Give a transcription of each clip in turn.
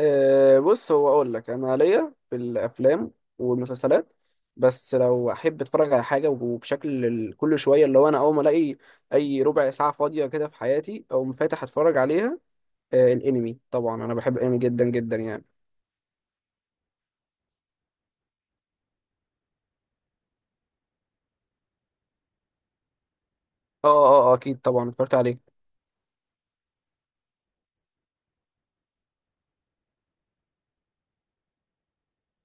بص، هو اقول لك انا ليا في الافلام والمسلسلات، بس لو احب اتفرج على حاجه وبشكل كل شويه اللي هو انا اول ما الاقي اي ربع ساعه فاضيه كده في حياتي اقوم فاتح اتفرج عليها. الانمي طبعا انا بحب الانمي جدا جدا يعني. اه، اه، آه، اكيد طبعا اتفرجت عليه.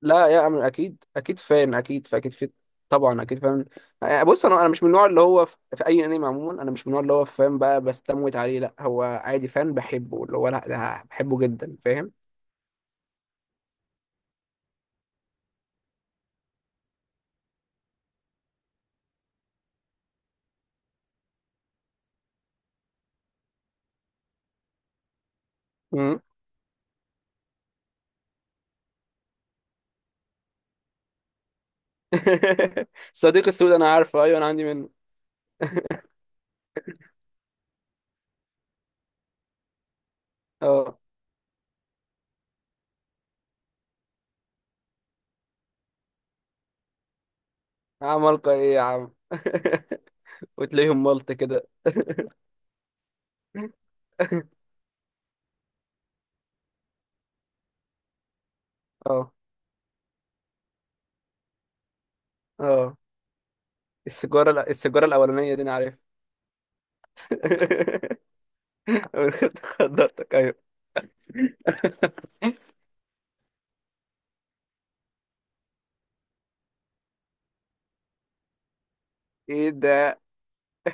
لا يا أمل، اكيد اكيد فان، اكيد فاكيد في. طبعا اكيد فان. آه، بص انا مش من النوع اللي هو في اي انمي عموما. انا مش من النوع اللي هو فان بقى بستموت عليه، لا، هو عادي فان بحبه، اللي هو لا ده بحبه جدا. فاهم؟ صديق السود انا عارفه، ايوه انا عندي منه. اه، عمالقة ايه يا عم؟ وتلاقيهم ملط كده. اه، اه. السيجارة، لا السيجارة الأولانية دي أنا عارف. أول خدت خضرتك. أيوه. إيه ده؟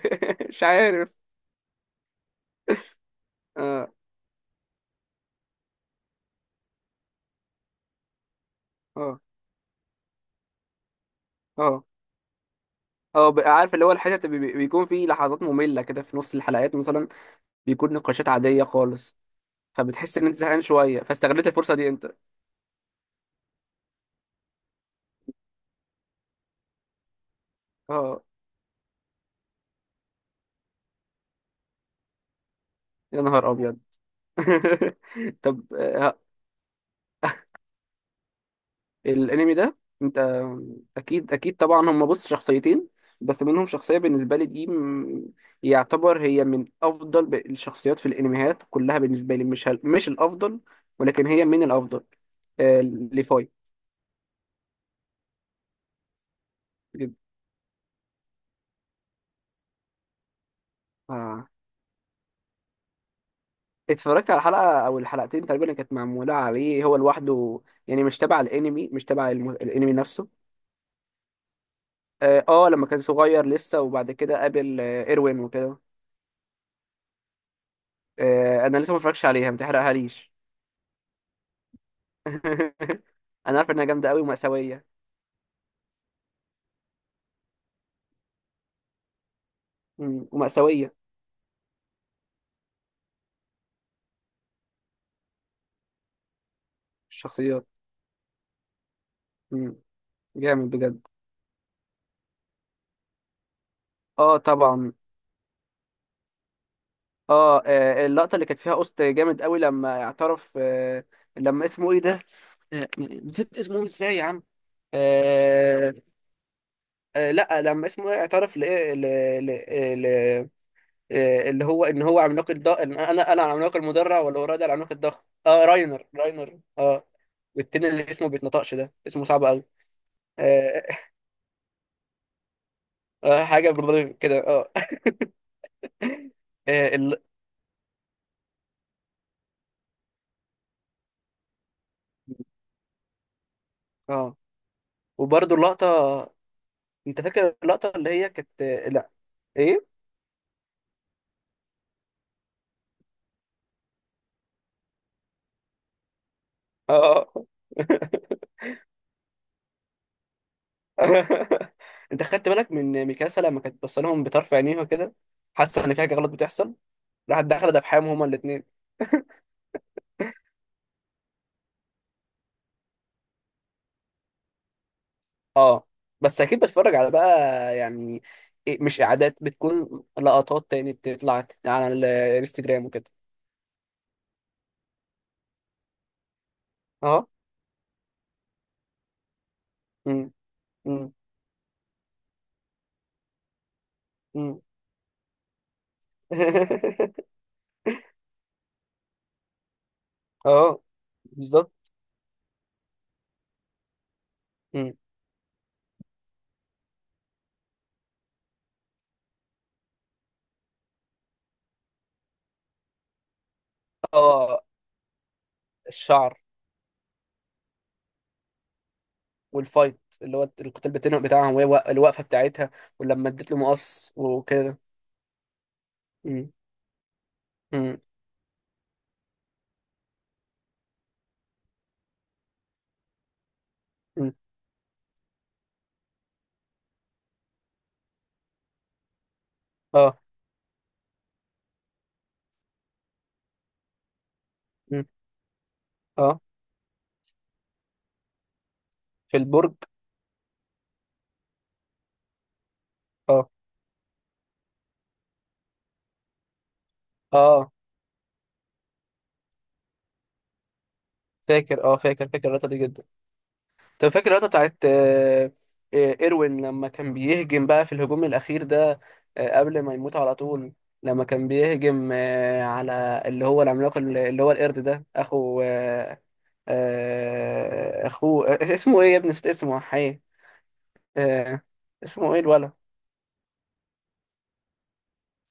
مش عارف. اه، اه، اه، اه، بقى عارف اللي هو الحتت اللي بيكون فيه لحظات مملة كده في نص الحلقات مثلا، بيكون نقاشات عادية خالص. فبتحس إن أنت زهقان شوية فاستغلت الفرصة دي أنت. اه، يا نهار أبيض. طب، الانمي ده، انت اكيد اكيد طبعا. هم بص شخصيتين، بس منهم شخصيه بالنسبه لي دي يعتبر هي من افضل الشخصيات في الانميات كلها بالنسبه لي، مش الافضل، ولكن هي من الافضل. ليفاي. آه. اتفرجت على حلقه او الحلقتين تقريبا اللي كانت معموله عليه هو لوحده، يعني مش تبع الانمي، مش تبع الانمي نفسه. لما كان صغير لسه، وبعد كده قابل ايروين وكده. انا لسه ما اتفرجتش عليها، ما تحرقها ليش. انا عارف انها جامده قوي ومأساويه. مم. ومأساويه. الشخصيات. مم. جامد بجد. اه، طبعا. اللقطه اللي كانت فيها قسط جامد قوي لما اعترف، لما اسمه ايه ده؟ نسيت اسمه ازاي يا عم؟ آه لا، لما اسمه ايه اعترف لايه، ل- اللي هو ان هو عملاق الضخم، انا العملاق المدرع، ولا هو ده العملاق الضخم؟ اه، راينر، راينر، اه. والتاني اللي اسمه بيتنطقش ده اسمه صعب قوي، اه، حاجه بالرغم كده، اه. اه ال- اه وبرده اللقطه، انت فاكر اللقطه اللي هي كانت؟ لا، ايه، اه. انت خدت بالك من ميكاسا لما كانت بص لهم بطرف عينيها كده، حاسه ان في حاجه غلط بتحصل؟ راحت داخله دبحهم هما الاثنين. اه، بس اكيد بتفرج على بقى، يعني إيه، مش اعادات بتكون لقطات تاني بتطلع على الانستجرام وكده. اه، امم، امم، امم. اه، بالظبط. امم. اه، الشعر، والفايت اللي هو القتال بتاعهم، وهي الوقفه بتاعتها، ولما اديت له مقص وكده. مم. مم. مم. اه. مم. اه، في البرج. اه، اه، فاكر، اه، فاكر فاكر اللقطه دي جدا. طب فاكر اللقطه بتاعت ايروين لما كان بيهجم بقى في الهجوم الاخير ده، قبل ما يموت على طول، لما كان بيهجم على اللي هو العملاق اللي هو القرد ده، اخو اخوه، اسمه ايه يا ابني؟ نسيت اسمه حي. آه اسمه ايه الولد؟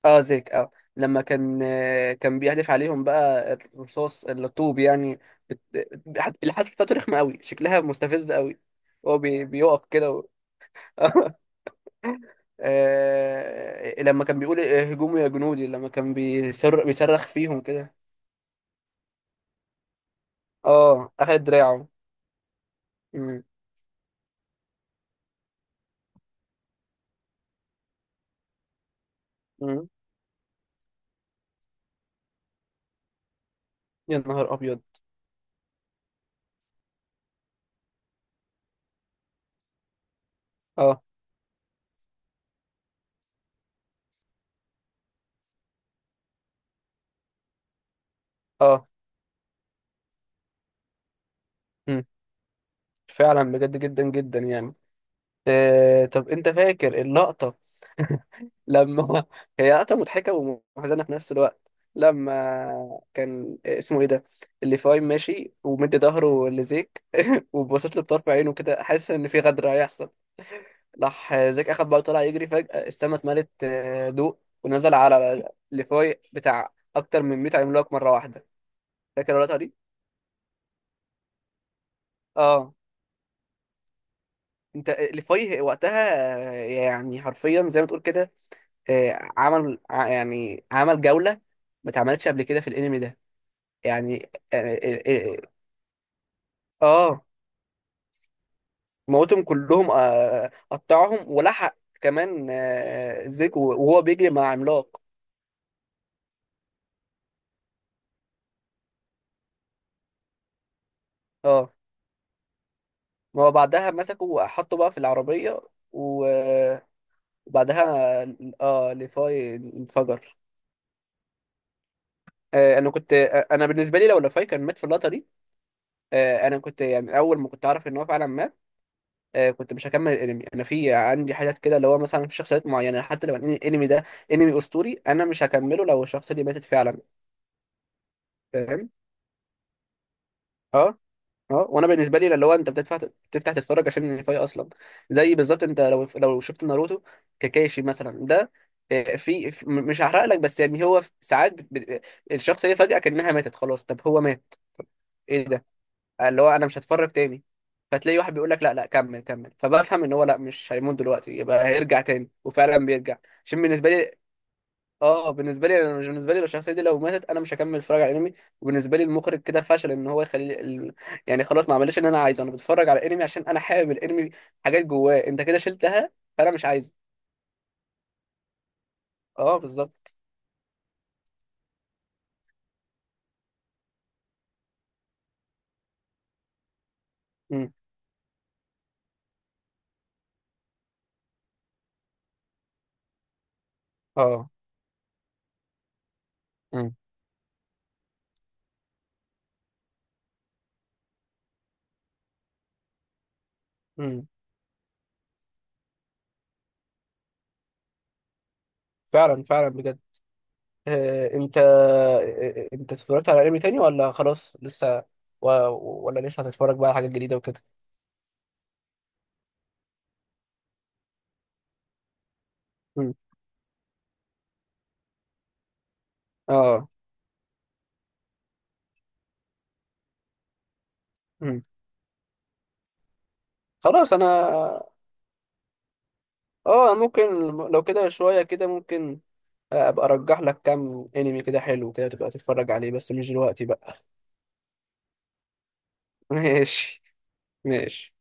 اه، زيك. اه لما كان كان بيحدف عليهم بقى الرصاص، الطوب يعني. الحادثة بتاعته رخمة قوي، شكلها مستفز قوي. هو بيقف كده لما كان بيقول هجوموا يا جنودي، لما كان بيصرخ فيهم كده. اه، اخد دراعه. مم. مم. يا نهار ابيض. اه، اه. مم. فعلا بجد جدا جدا يعني. طب انت فاكر اللقطة لما هي قطعة مضحكة ومحزنة في نفس الوقت، لما كان اسمه ايه ده، اللي فاهم ماشي ومدي ظهره لزيك وباصص له بطرف عينه كده، حاسس ان في غدر هيحصل؟ راح زيك اخد بقى، طلع يجري، فجأة السما اتملت ضوء، ونزل على ليفاي بتاع اكتر من 100 عملاق مرة واحدة. فاكر اللقطة دي؟ اه، انت ليفاي وقتها. يعني حرفيا زي ما تقول كده، عمل يعني عمل جولة ما اتعملتش قبل كده في الانمي ده، يعني آه، آه، موتهم كلهم، قطعهم ولحق كمان زيك وهو بيجري مع عملاق. اه، ما هو بعدها مسكه وحطه بقى في العربية و- وبعدها اه ليفاي انفجر. انا كنت، انا بالنسبه لي لو ليفاي كان مات في اللقطه دي، انا كنت يعني اول ما كنت عارف ان هو فعلا مات، كنت مش هكمل الانمي. انا في عندي حاجات كده اللي هو مثلا في شخصيات معينه، حتى لو الانمي ده انمي اسطوري، انا مش هكمله لو الشخصيه دي ماتت فعلا. فاهم؟ اه، اه. وانا بالنسبه لي اللي هو انت بتدفع تفتح تتفرج عشان النهايه اصلا. زي بالظبط، انت لو شفت ناروتو، كاكاشي مثلا ده، مش هحرق لك، بس يعني هو ساعات الشخصيه فجاه كانها ماتت خلاص، طب هو مات؟ ايه ده؟ اللي هو انا مش هتفرج تاني. فتلاقي واحد بيقول لك لا، لا، كمل، كمل، فبفهم ان هو لا مش هيموت دلوقتي، يبقى هيرجع تاني، وفعلا بيرجع عشان بالنسبه لي. اه بالنسبه لي انا، بالنسبه لي لو الشخصيه دي لو ماتت انا مش هكمل اتفرج على انمي، وبالنسبه لي المخرج كده فشل ان هو يخلي يعني خلاص ما عملش اللي انا عايزه. انا بتفرج على انمي عشان انا حابب الانمي، حاجات جواه انت كده شلتها، فانا مش عايزه. اه، بالظبط. امم. اه، امم، امم. فعلا فعلا بجد. آه انت آه، آه، انت اتفرجت على انمي تاني ولا خلاص لسه و... ولا لسه هتتفرج بقى على حاجات جديده وكده؟ امم. اه، امم، خلاص انا. اه، ممكن. لو كده شويه كده ممكن ابقى ارجح لك كام انمي كده حلو كده تبقى تتفرج عليه، بس مش دلوقتي بقى. ماشي. ماشي.